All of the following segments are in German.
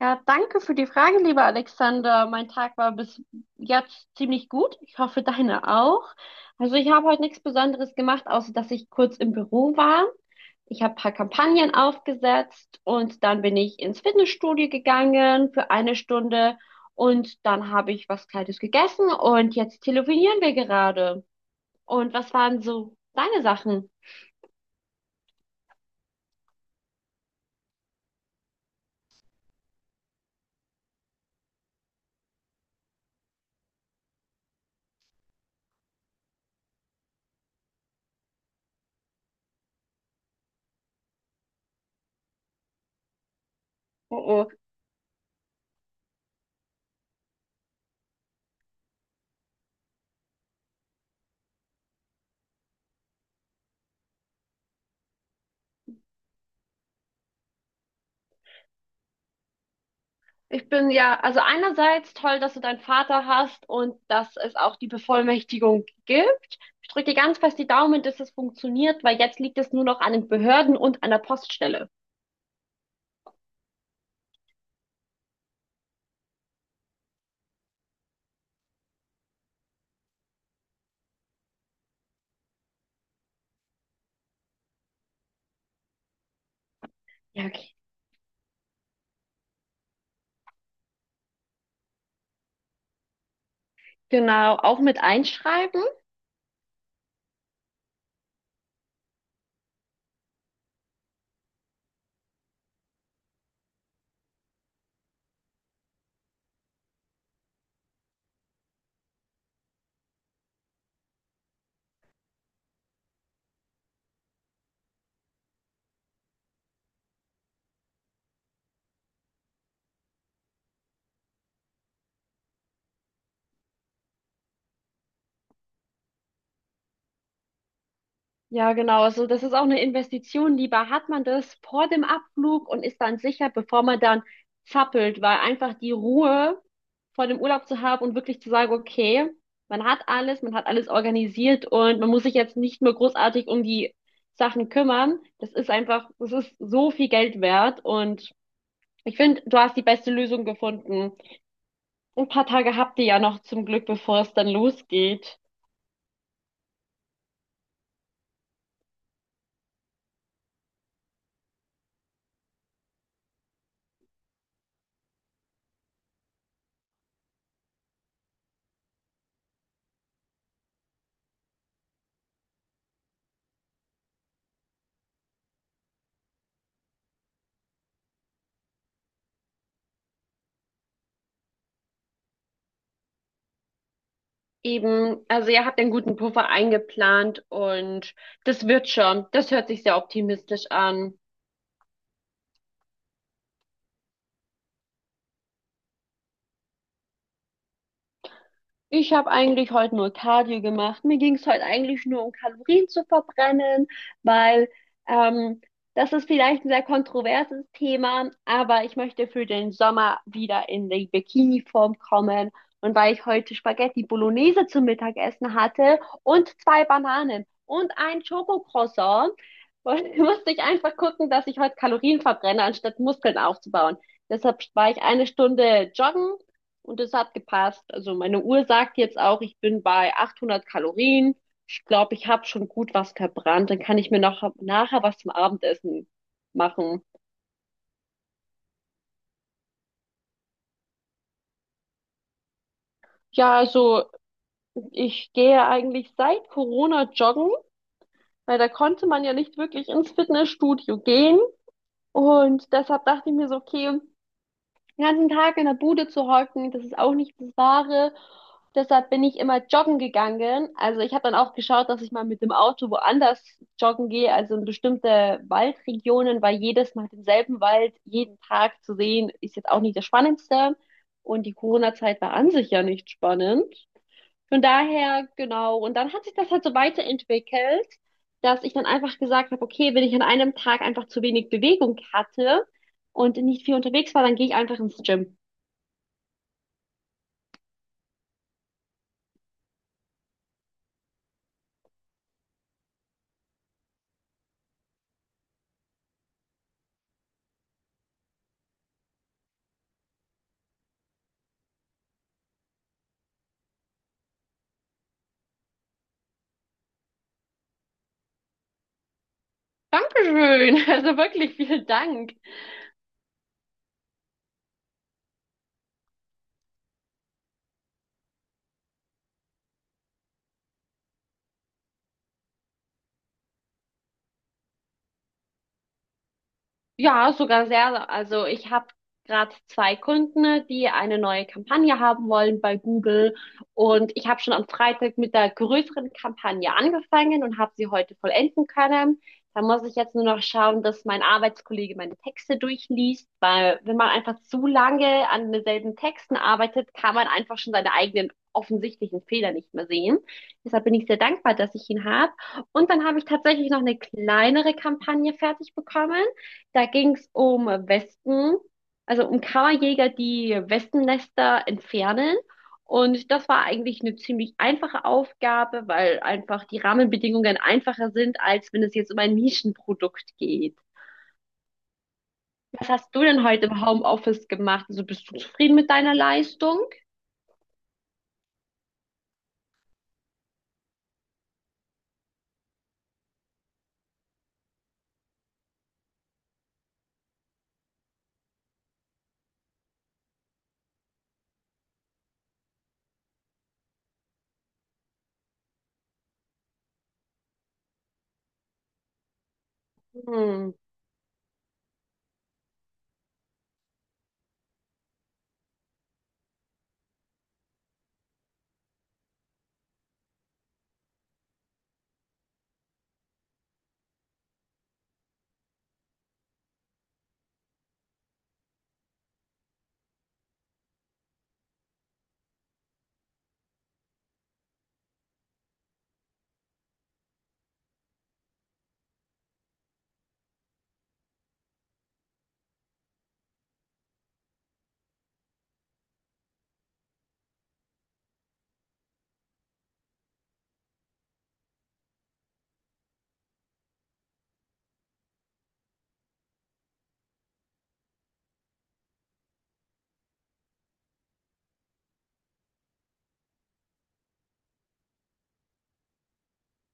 Ja, danke für die Frage, lieber Alexander. Mein Tag war bis jetzt ziemlich gut. Ich hoffe, deine auch. Also ich habe heute nichts Besonderes gemacht, außer dass ich kurz im Büro war. Ich habe ein paar Kampagnen aufgesetzt und dann bin ich ins Fitnessstudio gegangen für eine Stunde und dann habe ich was Kleines gegessen und jetzt telefonieren wir gerade. Und was waren so deine Sachen? Oh, oh. Ich bin ja, also einerseits toll, dass du deinen Vater hast und dass es auch die Bevollmächtigung gibt. Ich drücke dir ganz fest die Daumen, dass es funktioniert, weil jetzt liegt es nur noch an den Behörden und an der Poststelle. Ja, okay. Genau, auch mit einschreiben. Ja, genau. Also das ist auch eine Investition. Lieber hat man das vor dem Abflug und ist dann sicher, bevor man dann zappelt, weil einfach die Ruhe vor dem Urlaub zu haben und wirklich zu sagen, okay, man hat alles organisiert und man muss sich jetzt nicht mehr großartig um die Sachen kümmern. Das ist einfach, das ist so viel Geld wert und ich finde, du hast die beste Lösung gefunden. Ein paar Tage habt ihr ja noch zum Glück, bevor es dann losgeht. Eben, also ihr habt einen guten Puffer eingeplant und das wird schon. Das hört sich sehr optimistisch an. Ich habe eigentlich heute nur Cardio gemacht. Mir ging es heute eigentlich nur um Kalorien zu verbrennen, weil ähm, das ist vielleicht ein sehr kontroverses Thema, aber ich möchte für den Sommer wieder in die Bikini-Form kommen. Und weil ich heute Spaghetti Bolognese zum Mittagessen hatte und zwei Bananen und ein Schokocroissant, musste ich einfach gucken, dass ich heute Kalorien verbrenne, anstatt Muskeln aufzubauen. Deshalb war ich eine Stunde joggen und es hat gepasst. Also meine Uhr sagt jetzt auch, ich bin bei 800 Kalorien. Ich glaube, ich habe schon gut was verbrannt. Dann kann ich mir noch nachher was zum Abendessen machen. Ja, also ich gehe eigentlich seit Corona joggen, weil da konnte man ja nicht wirklich ins Fitnessstudio gehen. Und deshalb dachte ich mir so, okay, den ganzen Tag in der Bude zu hocken, das ist auch nicht das Wahre. Deshalb bin ich immer joggen gegangen. Also ich habe dann auch geschaut, dass ich mal mit dem Auto woanders joggen gehe, also in bestimmte Waldregionen, weil jedes Mal denselben Wald jeden Tag zu sehen, ist jetzt auch nicht das Spannendste. Und die Corona-Zeit war an sich ja nicht spannend. Von daher, genau. Und dann hat sich das halt so weiterentwickelt, dass ich dann einfach gesagt habe, okay, wenn ich an einem Tag einfach zu wenig Bewegung hatte und nicht viel unterwegs war, dann gehe ich einfach ins Gym. Dankeschön. Also wirklich vielen Dank. Ja, sogar sehr. Also ich habe gerade zwei Kunden, ne, die eine neue Kampagne haben wollen bei Google und ich habe schon am Freitag mit der größeren Kampagne angefangen und habe sie heute vollenden können. Da muss ich jetzt nur noch schauen, dass mein Arbeitskollege meine Texte durchliest, weil wenn man einfach zu lange an denselben Texten arbeitet, kann man einfach schon seine eigenen offensichtlichen Fehler nicht mehr sehen. Deshalb bin ich sehr dankbar, dass ich ihn habe. Und dann habe ich tatsächlich noch eine kleinere Kampagne fertig bekommen. Da ging es um Wespen, also um Kammerjäger, die Wespennester entfernen. Und das war eigentlich eine ziemlich einfache Aufgabe, weil einfach die Rahmenbedingungen einfacher sind, als wenn es jetzt um ein Nischenprodukt geht. Was hast du denn heute im Homeoffice gemacht? Also bist du zufrieden mit deiner Leistung? Hm.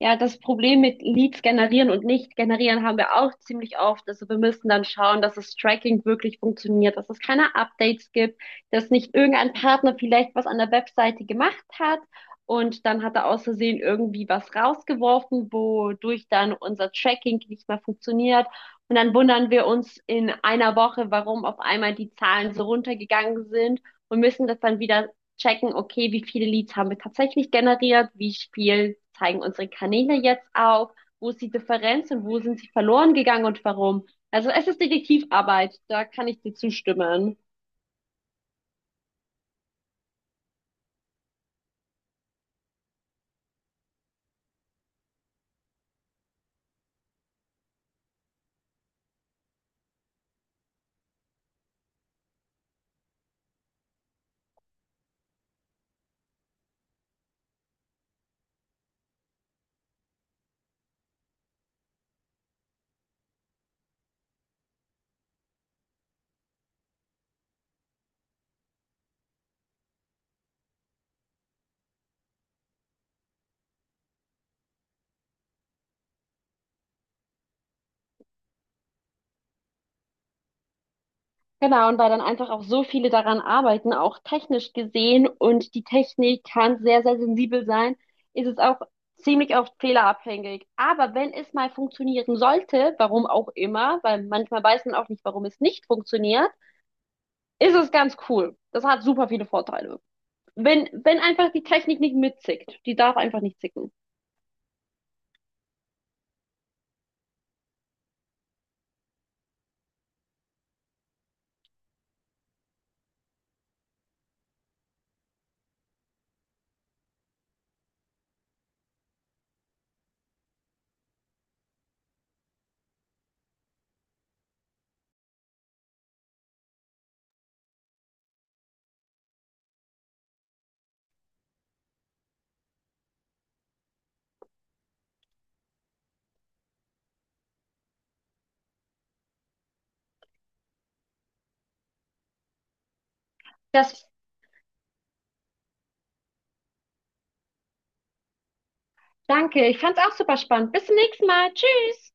Ja, das Problem mit Leads generieren und nicht generieren haben wir auch ziemlich oft. Also wir müssen dann schauen, dass das Tracking wirklich funktioniert, dass es keine Updates gibt, dass nicht irgendein Partner vielleicht was an der Webseite gemacht hat und dann hat er aus Versehen irgendwie was rausgeworfen, wodurch dann unser Tracking nicht mehr funktioniert. Und dann wundern wir uns in einer Woche, warum auf einmal die Zahlen so runtergegangen sind und müssen das dann wieder checken, okay, wie viele Leads haben wir tatsächlich generiert, wie viel zeigen unsere Kanäle jetzt auf, wo ist die Differenz und wo sind sie verloren gegangen und warum. Also es ist Detektivarbeit, da kann ich dir zustimmen. Genau, und weil dann einfach auch so viele daran arbeiten, auch technisch gesehen, und die Technik kann sehr, sehr sensibel sein, ist es auch ziemlich oft fehlerabhängig. Aber wenn es mal funktionieren sollte, warum auch immer, weil manchmal weiß man auch nicht, warum es nicht funktioniert, ist es ganz cool. Das hat super viele Vorteile. Wenn, wenn einfach die Technik nicht mitzickt. Die darf einfach nicht zicken. Das, danke. Ich fand's auch super spannend. Bis zum nächsten Mal. Tschüss.